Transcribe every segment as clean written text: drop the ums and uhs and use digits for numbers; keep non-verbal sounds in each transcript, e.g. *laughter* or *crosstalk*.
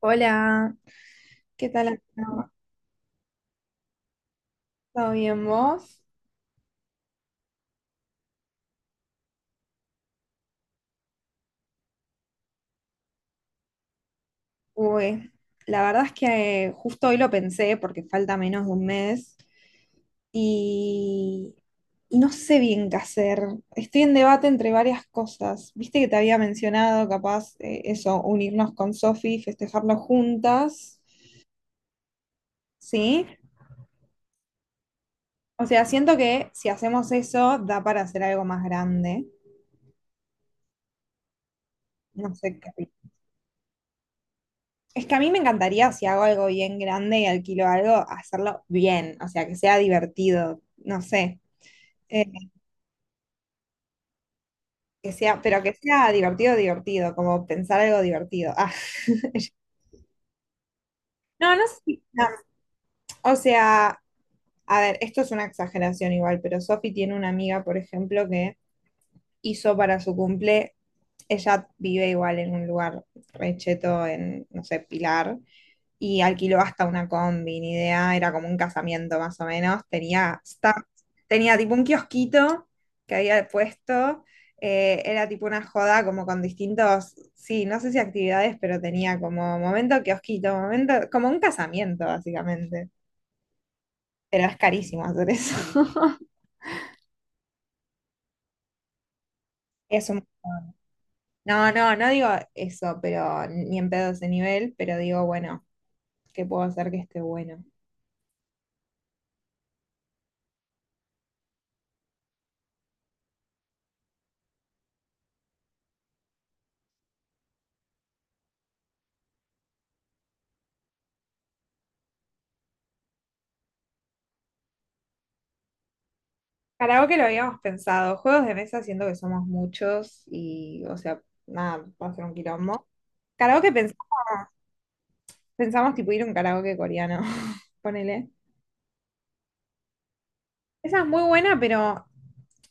Hola, ¿qué tal? ¿Amigo? ¿Todo bien vos? Uy, la verdad es que justo hoy lo pensé porque falta menos de un mes y, y no sé bien qué hacer. Estoy en debate entre varias cosas. Viste que te había mencionado, capaz, eso, unirnos con Sofi, festejarlo juntas. ¿Sí? O sea, siento que si hacemos eso da para hacer algo más grande. No sé qué. Es que a mí me encantaría, si hago algo bien grande y alquilo algo, hacerlo bien, o sea, que sea divertido, no sé, eh, que sea, pero que sea divertido, divertido, como pensar algo divertido. Ah, *laughs* no, no sé si- no, o sea, a ver, esto es una exageración igual, pero Sofi tiene una amiga, por ejemplo, que hizo para su cumple, ella vive igual en un lugar recheto en, no sé, Pilar, y alquiló hasta una combi, ni idea, era como un casamiento más o menos, tenía tipo un kiosquito que había puesto, era tipo una joda como con distintos, sí, no sé si actividades, pero tenía como momento kiosquito, momento, como un casamiento básicamente, pero es carísimo hacer eso. *laughs* Eso, no, no, no digo eso, pero ni en pedo ese nivel, pero digo, bueno, ¿qué puedo hacer que esté bueno? Karaoke lo habíamos pensado, juegos de mesa siento que somos muchos y, o sea, nada, va a ser un quilombo. Karaoke pensamos tipo ir a un karaoke coreano, *laughs* ponele. Esa es muy buena, pero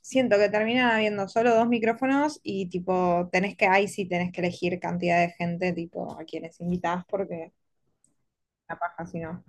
siento que terminan habiendo solo dos micrófonos y tipo, tenés que, ahí sí tenés que elegir cantidad de gente, tipo, a quienes invitás porque la paja si no.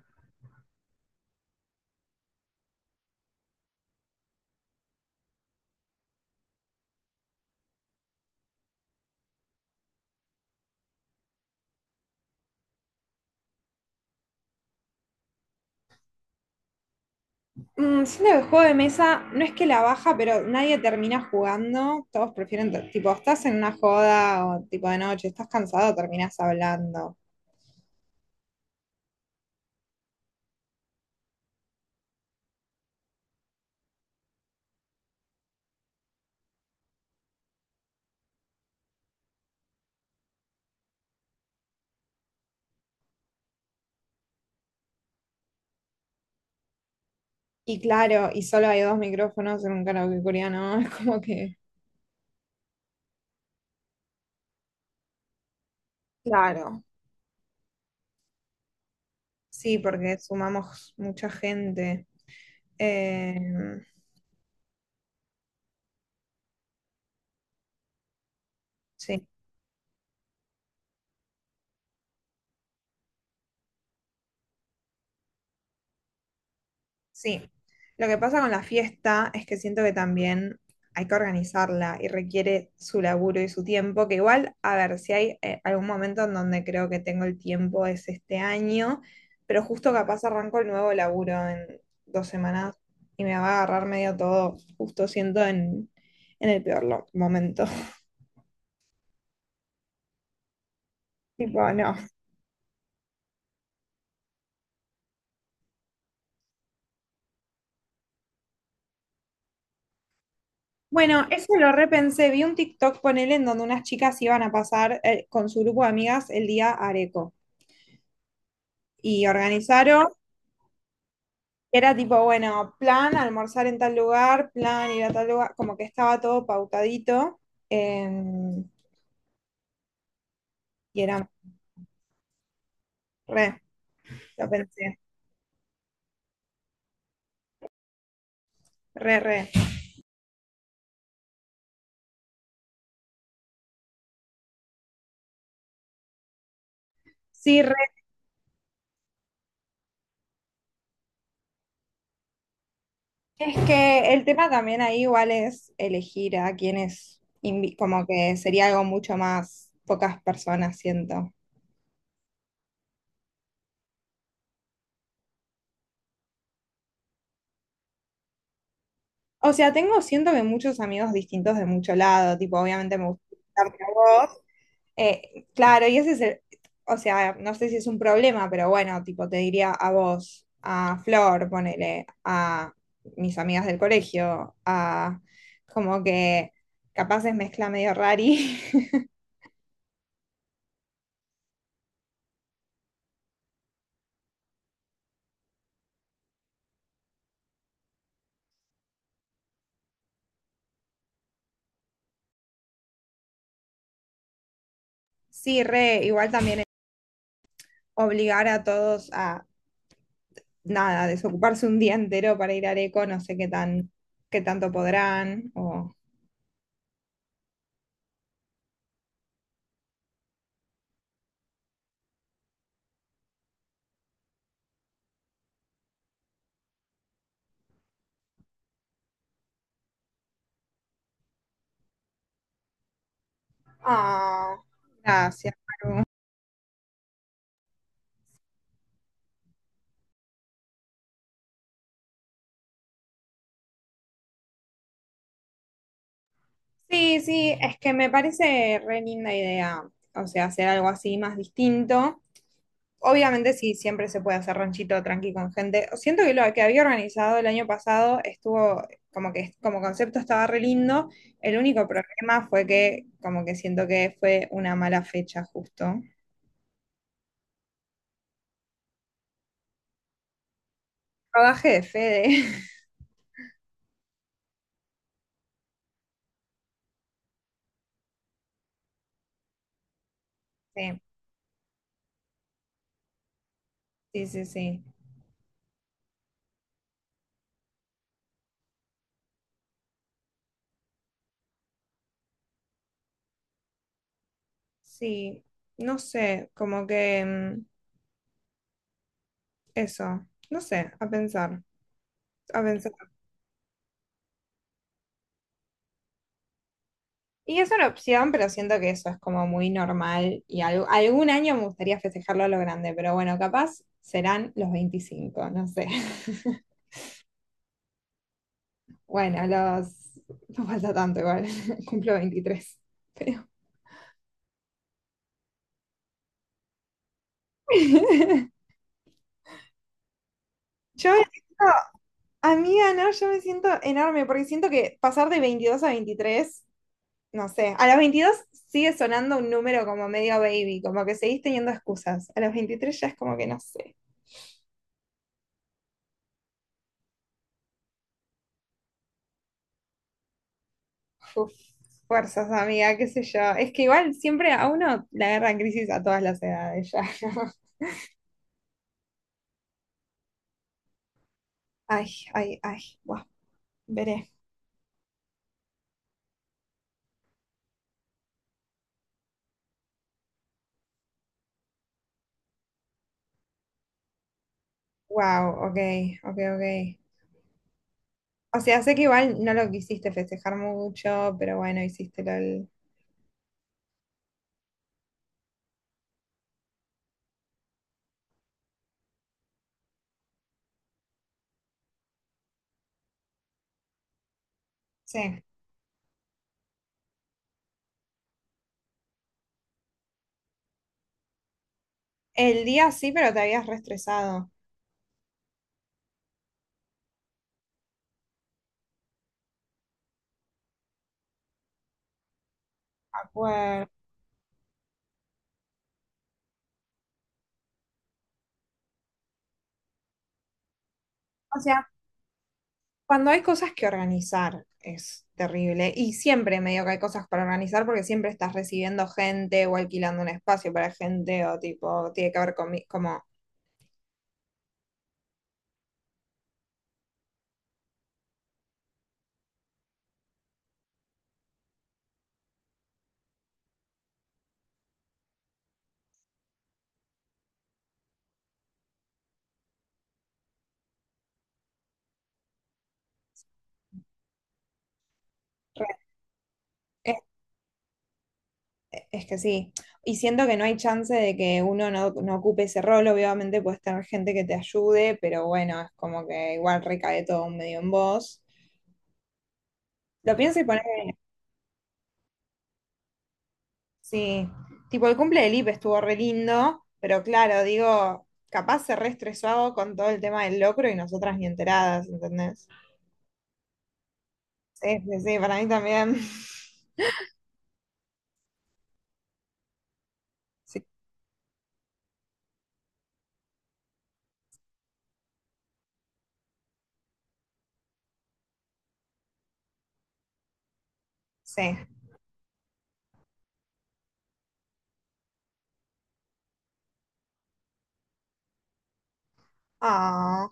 Mm, siento que el juego de mesa no es que la baja, pero nadie termina jugando. Todos prefieren, tipo, estás en una joda o tipo de noche, estás cansado, terminas hablando. Y claro, y solo hay dos micrófonos en un karaoke coreano, *laughs* es como que. Claro, sí, porque sumamos mucha gente. Eh, sí. Sí, lo que pasa con la fiesta es que siento que también hay que organizarla y requiere su laburo y su tiempo, que igual, a ver, si hay algún momento en donde creo que tengo el tiempo es este año, pero justo capaz arranco el nuevo laburo en 2 semanas y me va a agarrar medio todo, justo siento en el peor momento. *laughs* Tipo, no. Bueno, eso lo repensé, vi un TikTok, ponele, en donde unas chicas iban a pasar con su grupo de amigas el día Areco y organizaron. Era tipo, bueno, plan almorzar en tal lugar, plan ir a tal lugar, como que estaba todo pautadito. eh, y era re, lo pensé, re, re. Sí, re. Es que el tema también ahí igual es elegir a quienes, como que sería algo mucho más pocas personas, siento. O sea, tengo, siento que muchos amigos distintos de mucho lado, tipo, obviamente me gusta estar con vos. Claro, y ese es el, o sea, no sé si es un problema, pero bueno, tipo, te diría a vos, a Flor, ponele, a mis amigas del colegio, a como que capaz es mezcla medio rari. *laughs* Sí, re, igual también es obligar a todos a nada, desocuparse un día entero para ir al eco no sé qué tanto podrán. O... Ah, gracias. Sí, sí, es que me parece re linda idea, o sea, hacer algo así más distinto. Obviamente sí, siempre se puede hacer ranchito tranqui con gente. Siento que lo que había organizado el año pasado estuvo, como que como concepto estaba re lindo. El único problema fue que, como que siento que fue una mala fecha justo. Rodaje de Fede. *laughs* Sí, sí, sí, sí. Sí, no sé, como que eso, no sé, a pensar, a pensar. Y es una opción, pero siento que eso es como muy normal y algún año me gustaría festejarlo a lo grande, pero bueno, capaz serán los 25 no sé. *laughs* Bueno, los... No falta tanto igual, *laughs* cumplo 23. Pero... *laughs* Yo me siento, amiga, no, yo me siento enorme porque siento que pasar de 22 a 23 no sé, a los 22 sigue sonando un número como medio baby, como que seguís teniendo excusas. A los 23 ya es como que no sé. Uf, fuerzas, amiga, qué sé yo. Es que igual siempre a uno la agarran crisis a todas las edades ya. ¿No? *laughs* Ay, ay, ay, wow, veré. Wow, ok, ok, ok. O sea, sé que igual no lo quisiste festejar mucho, pero bueno, hiciste lo del- Sí. El día sí, pero te habías reestresado. De acuerdo. O sea, cuando hay cosas que organizar es terrible y siempre medio que hay cosas para organizar porque siempre estás recibiendo gente o alquilando un espacio para gente o tipo, tiene que ver con mi- como... re- Es, es que sí, y siento que no hay chance de que uno no, no ocupe ese rol, obviamente puedes tener gente que te ayude, pero bueno, es como que igual recae todo medio en vos. Lo pienso y sí, tipo el cumple de Lip estuvo re lindo, pero claro, digo, capaz se re estresó con todo el tema del locro y nosotras ni enteradas, ¿entendés? Sí, sí, sí, para mí también. *laughs* Sí. Sí. Ah,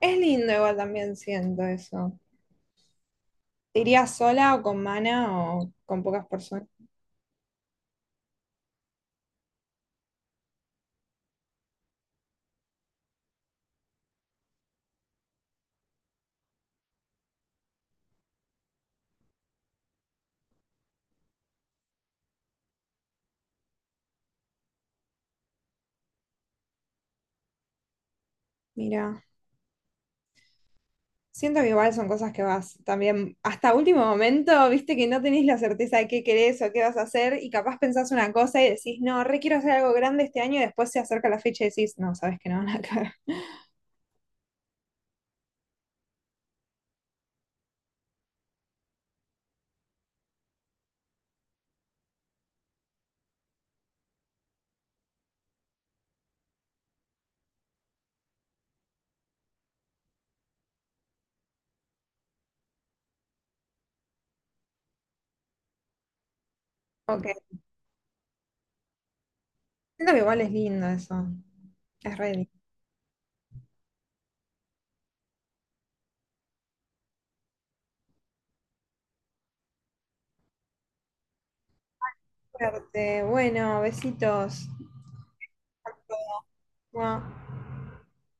es lindo igual también siento eso. ¿Te irías sola o con Mana o con pocas personas? Mira. Siento que igual son cosas que vas también hasta último momento, viste que no tenés la certeza de qué querés o qué vas a hacer y capaz pensás una cosa y decís, no, re quiero hacer algo grande este año y después se acerca la fecha y decís, no, sabes que no, *laughs* nada que ver". Ok, siento que igual es lindo eso, es re lindo. Suerte. Bueno, besitos. Hasta luego. Mua.